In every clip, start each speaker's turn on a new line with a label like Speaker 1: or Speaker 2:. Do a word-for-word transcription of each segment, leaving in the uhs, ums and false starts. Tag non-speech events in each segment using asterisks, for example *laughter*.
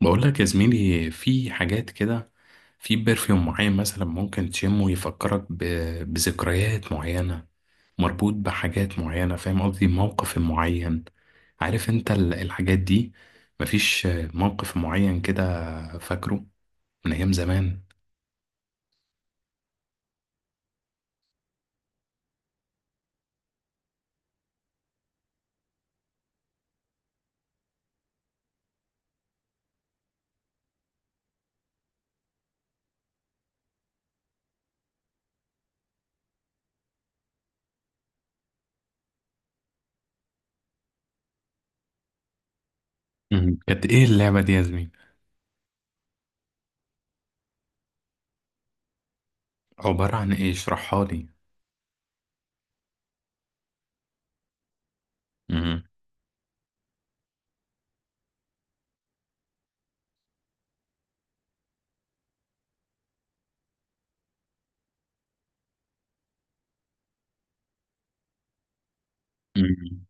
Speaker 1: بقول لك يا زميلي في حاجات كده. في برفيوم معين مثلا ممكن تشمه يفكرك ب... بذكريات معينة، مربوط بحاجات معينة، فاهم قصدي؟ موقف معين، عارف انت ال- الحاجات دي. مفيش موقف معين كده فاكره من ايام زمان. مهم. كانت ايه اللعبة دي يا زميلي؟ عبارة عن ايه؟ اشرحها لي. مم. مهم.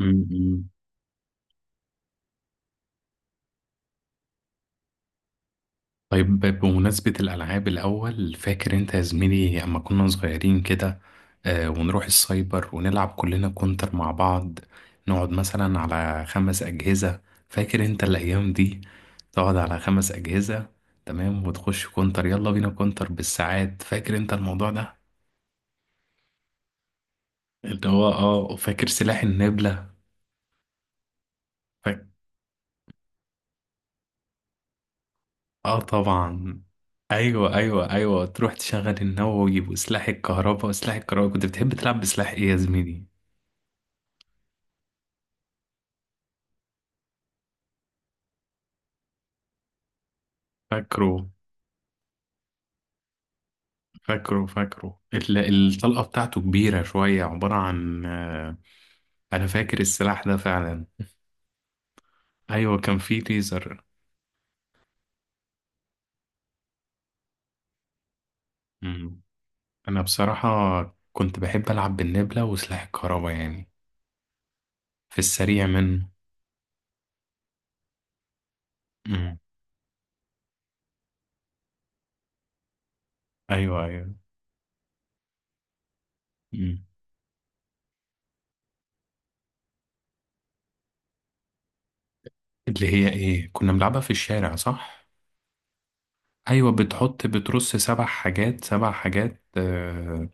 Speaker 1: مهم. طيب بمناسبة الألعاب، الأول فاكر أنت يا زميلي أما كنا صغيرين كده، آه ونروح السايبر ونلعب كلنا كونتر مع بعض، نقعد مثلا على خمس أجهزة. فاكر أنت الأيام دي؟ تقعد على خمس أجهزة، تمام، وتخش كونتر، يلا بينا كونتر بالساعات. فاكر أنت الموضوع ده؟ اللي هو اه فاكر سلاح النبلة. فاكر. اه طبعا. ايوه ايوه ايوه، تروح تشغل النووي وسلاح الكهرباء وسلاح الكهرباء. كنت بتحب تلعب بسلاح ايه يا زميلي؟ فاكره فاكره فاكره، ال- الطلقة بتاعته كبيرة شوية، عبارة عن آه، أنا فاكر السلاح ده فعلا. أيوة كان فيه ليزر. مم. أنا بصراحة كنت بحب ألعب بالنبلة وسلاح الكهرباء يعني، في السريع منه. مم. أيوة أيوة. مم. اللي هي إيه، كنا بنلعبها في الشارع صح؟ أيوة، بتحط بترص سبع حاجات سبع حاجات، آه،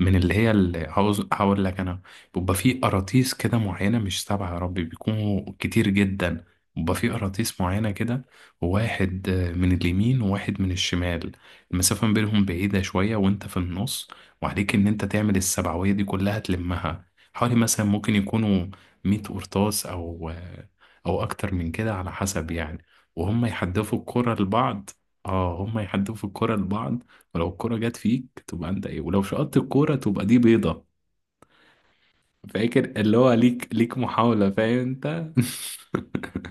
Speaker 1: من اللي هي اللي هعوز- هقول لك انا. بيبقى في قراطيس كده معينه، مش سبعه يا ربي، بيكونوا كتير جدا. بيبقى في قراطيس معينه كده، واحد آه، من اليمين وواحد من الشمال. المسافه ما بينهم بعيده شويه وانت في النص، وعليك ان انت تعمل السبعويه دي كلها تلمها، حوالي مثلا ممكن يكونوا مية قرطاس او آه، او اكتر من كده على حسب يعني. وهم يحدفوا الكره لبعض، اه هم يحدفوا الكره لبعض. ولو الكرة جت فيك تبقى انت ايه، ولو شقطت الكرة تبقى دي بيضة. فاكر اللي هو ليك ليك محاولة، فاهم انت؟ *laughs*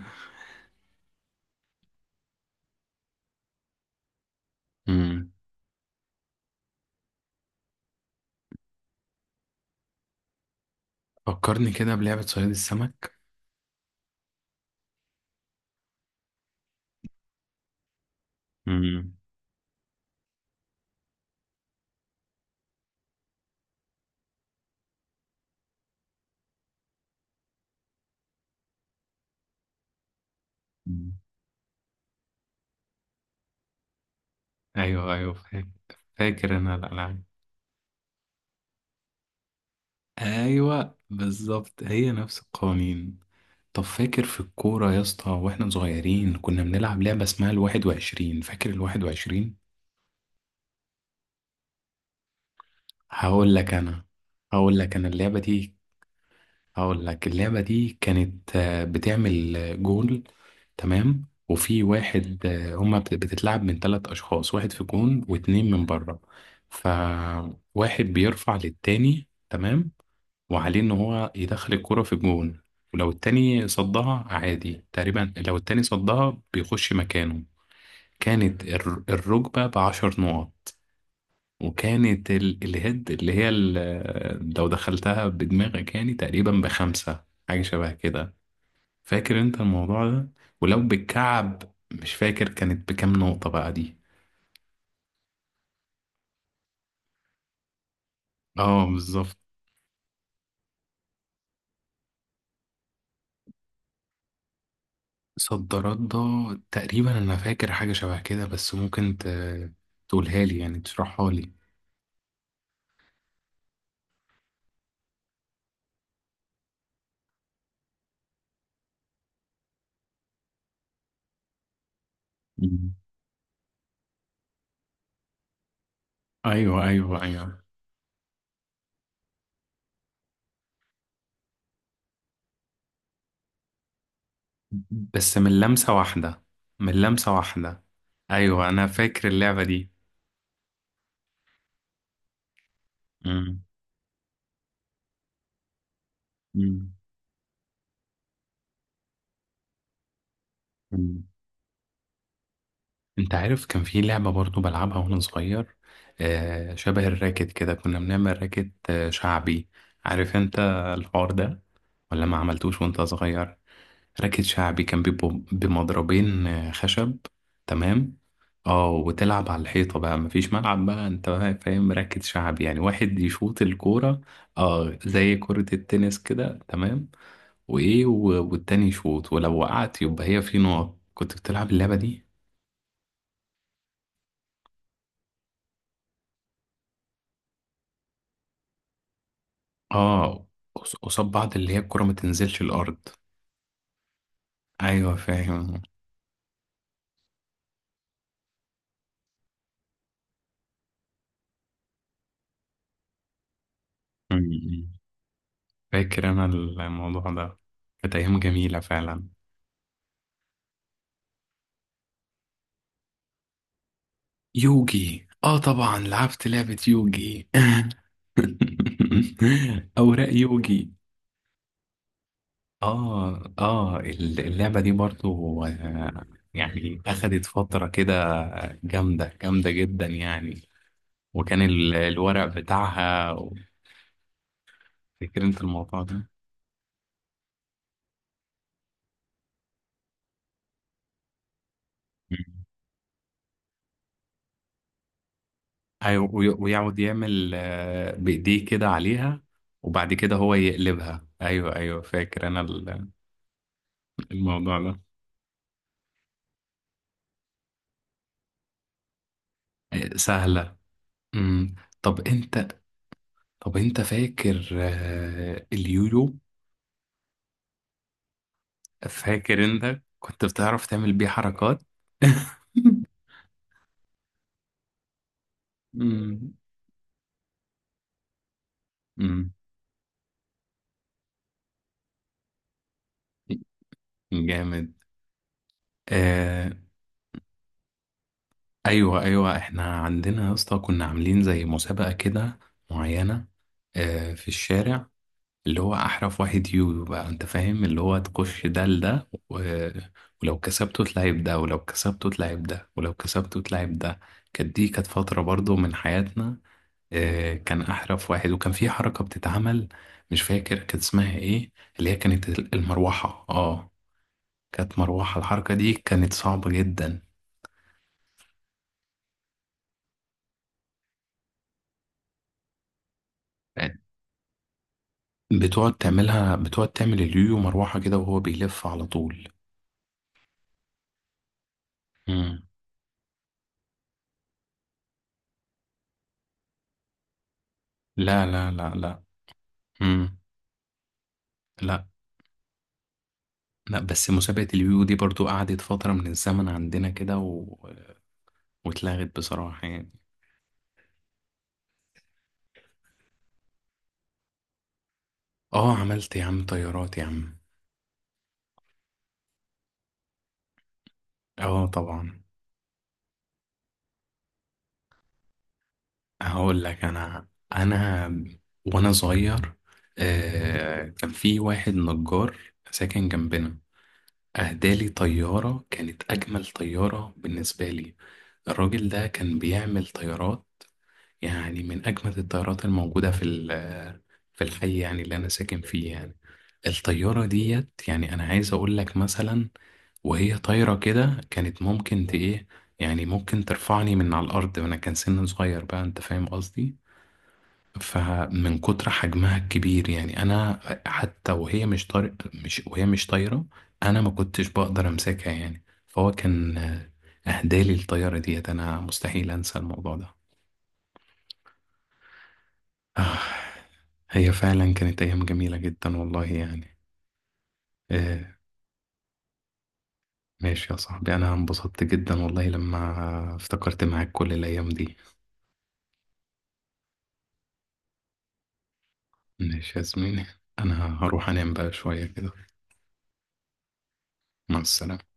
Speaker 1: امم. فكرني كده بلعبة صياد السمك. امم. ايوه ايوه فاكر. فاكر انا الالعاب. ايوه بالظبط، هي نفس القوانين. طب فاكر في الكورة يا اسطى واحنا صغيرين كنا بنلعب لعبة اسمها الواحد وعشرين، فاكر الواحد وعشرين؟ هقول لك انا هقول لك انا اللعبة دي هقول لك اللعبة دي كانت آه، بتعمل آه، جول. تمام، وفي واحد آه، هما بت- بتتلعب من ثلاث أشخاص، واحد في جون واتنين من بره. فواحد بيرفع للتاني، تمام، وعليه إن هو يدخل الكرة في جون. ولو التاني صدها عادي، تقريبا لو التاني صدها بيخش مكانه. كانت الر- الركبة بعشر نقط. وكانت ال- الهيد اللي هي ال- لو دخلتها بدماغك يعني تقريبا بخمسة حاجة شبه كده. فاكر انت الموضوع ده؟ ولو بالكعب مش فاكر كانت بكام نقطة بقى دي. اه بالظبط. صدرات ده، تقريبا انا فاكر حاجة شبه كده، بس ممكن ت- تقولها لي يعني تشرحها لي. مم. ايوه ايوه ايوه. بس من لمسة واحدة. من لمسة واحدة. ايوه انا فاكر اللعبة دي. مم. مم. انت عارف كان في لعبة برضو بلعبها وانا صغير، آه شبه الراكت كده، كنا بنعمل راكت آه شعبي. عارف انت الحوار ده ولا ما عملتوش وانت صغير؟ راكت شعبي كان بيبقوا بمضربين آه خشب. تمام. اه وتلعب على الحيطة بقى، مفيش ملعب بقى انت، بقى فاهم راكت شعبي يعني؟ واحد يشوط الكورة، اه زي كرة التنس كده، تمام، وايه و- والتاني يشوط ولو وقعت يبقى هي في نقط. كنت بتلعب اللعبة دي؟ اه، قص- قصاد بعض، اللي هي الكرة ما تنزلش الأرض. أيوة فاهم. أمم. فاكر أنا الموضوع ده، كانت أيام جميلة فعلا. يوجي؟ اه طبعا، لعبت لعبة يوجي، *laughs* أوراق يوجي. اه اه، ال- اللعبة دي برضو، آه، يعني أخدت فترة كده، جامدة جامدة جدا يعني. وكان ال- الورق بتاعها، فاكر انت الموضوع ده؟ أيوة، وي- ويقعد يعمل آه، بإيديه كده عليها، وبعد كده هو يقلبها. أيوه أيوه فاكر أنا ال- الموضوع ده. آه، سهلة. أمم. طب أنت طب أنت فاكر آه، اليويو؟ فاكر أنت كنت بتعرف تعمل بيه حركات؟ *laughs* أمم. أمم. جامد. آه. ايوه ايوه، احنا عندنا يا اسطى كنا عاملين زي مسابقه كده معينه، آه في الشارع، اللي هو احرف واحد يويو بقى انت فاهم، اللي هو تخش ده لده و، ولو كسبته تلعب ده، ولو كسبته تلعب ده، ولو كسبته تلعب ده. كانت دي كانت فترة برضو من حياتنا. آه، كان احرف واحد، وكان في حركة بتتعمل مش فاكر كانت اسمها ايه، اللي هي كانت المروحة. اه كانت مروحة، الحركة دي كانت صعبة جدا. بتقعد تعملها بتقعد تعمل اليويو مروحة كده وهو بيلف على طول. مم. لا لا لا لا. مم. لا، لا بس مسابقة اليو دي برضو قعدت فترة من الزمن عندنا كده و، واتلغت بصراحة يعني. اه عملت يا عم طيارات يا عم. اه طبعا. هقول لك انا انا وانا صغير، آه كان في واحد نجار ساكن جنبنا اهدالي طيارة، كانت اجمل طيارة بالنسبة لي. الراجل ده كان بيعمل طيارات، يعني من أجمد الطيارات الموجودة في ال- في الحي يعني اللي أنا ساكن فيه يعني. الطيارة ديت يعني أنا عايز أقول لك مثلا، وهي طايرة كده كانت ممكن ت إيه، يعني ممكن ترفعني من على الأرض، وأنا كان سن صغير بقى أنت فاهم قصدي. فمن كتر حجمها الكبير يعني أنا، حتى وهي مش طار مش وهي مش طايرة، أنا ما كنتش بقدر أمسكها يعني. فهو كان أهدالي الطيارة ديت، أنا مستحيل أنسى الموضوع ده. آه، هي فعلا كانت أيام جميلة جدا والله يعني. آه، ماشي يا صاحبي، أنا انبسطت جدا والله لما افتكرت معاك كل الأيام دي. ماشي يا زميلي، أنا هروح أنام بقى شوية كده. مع السلامة.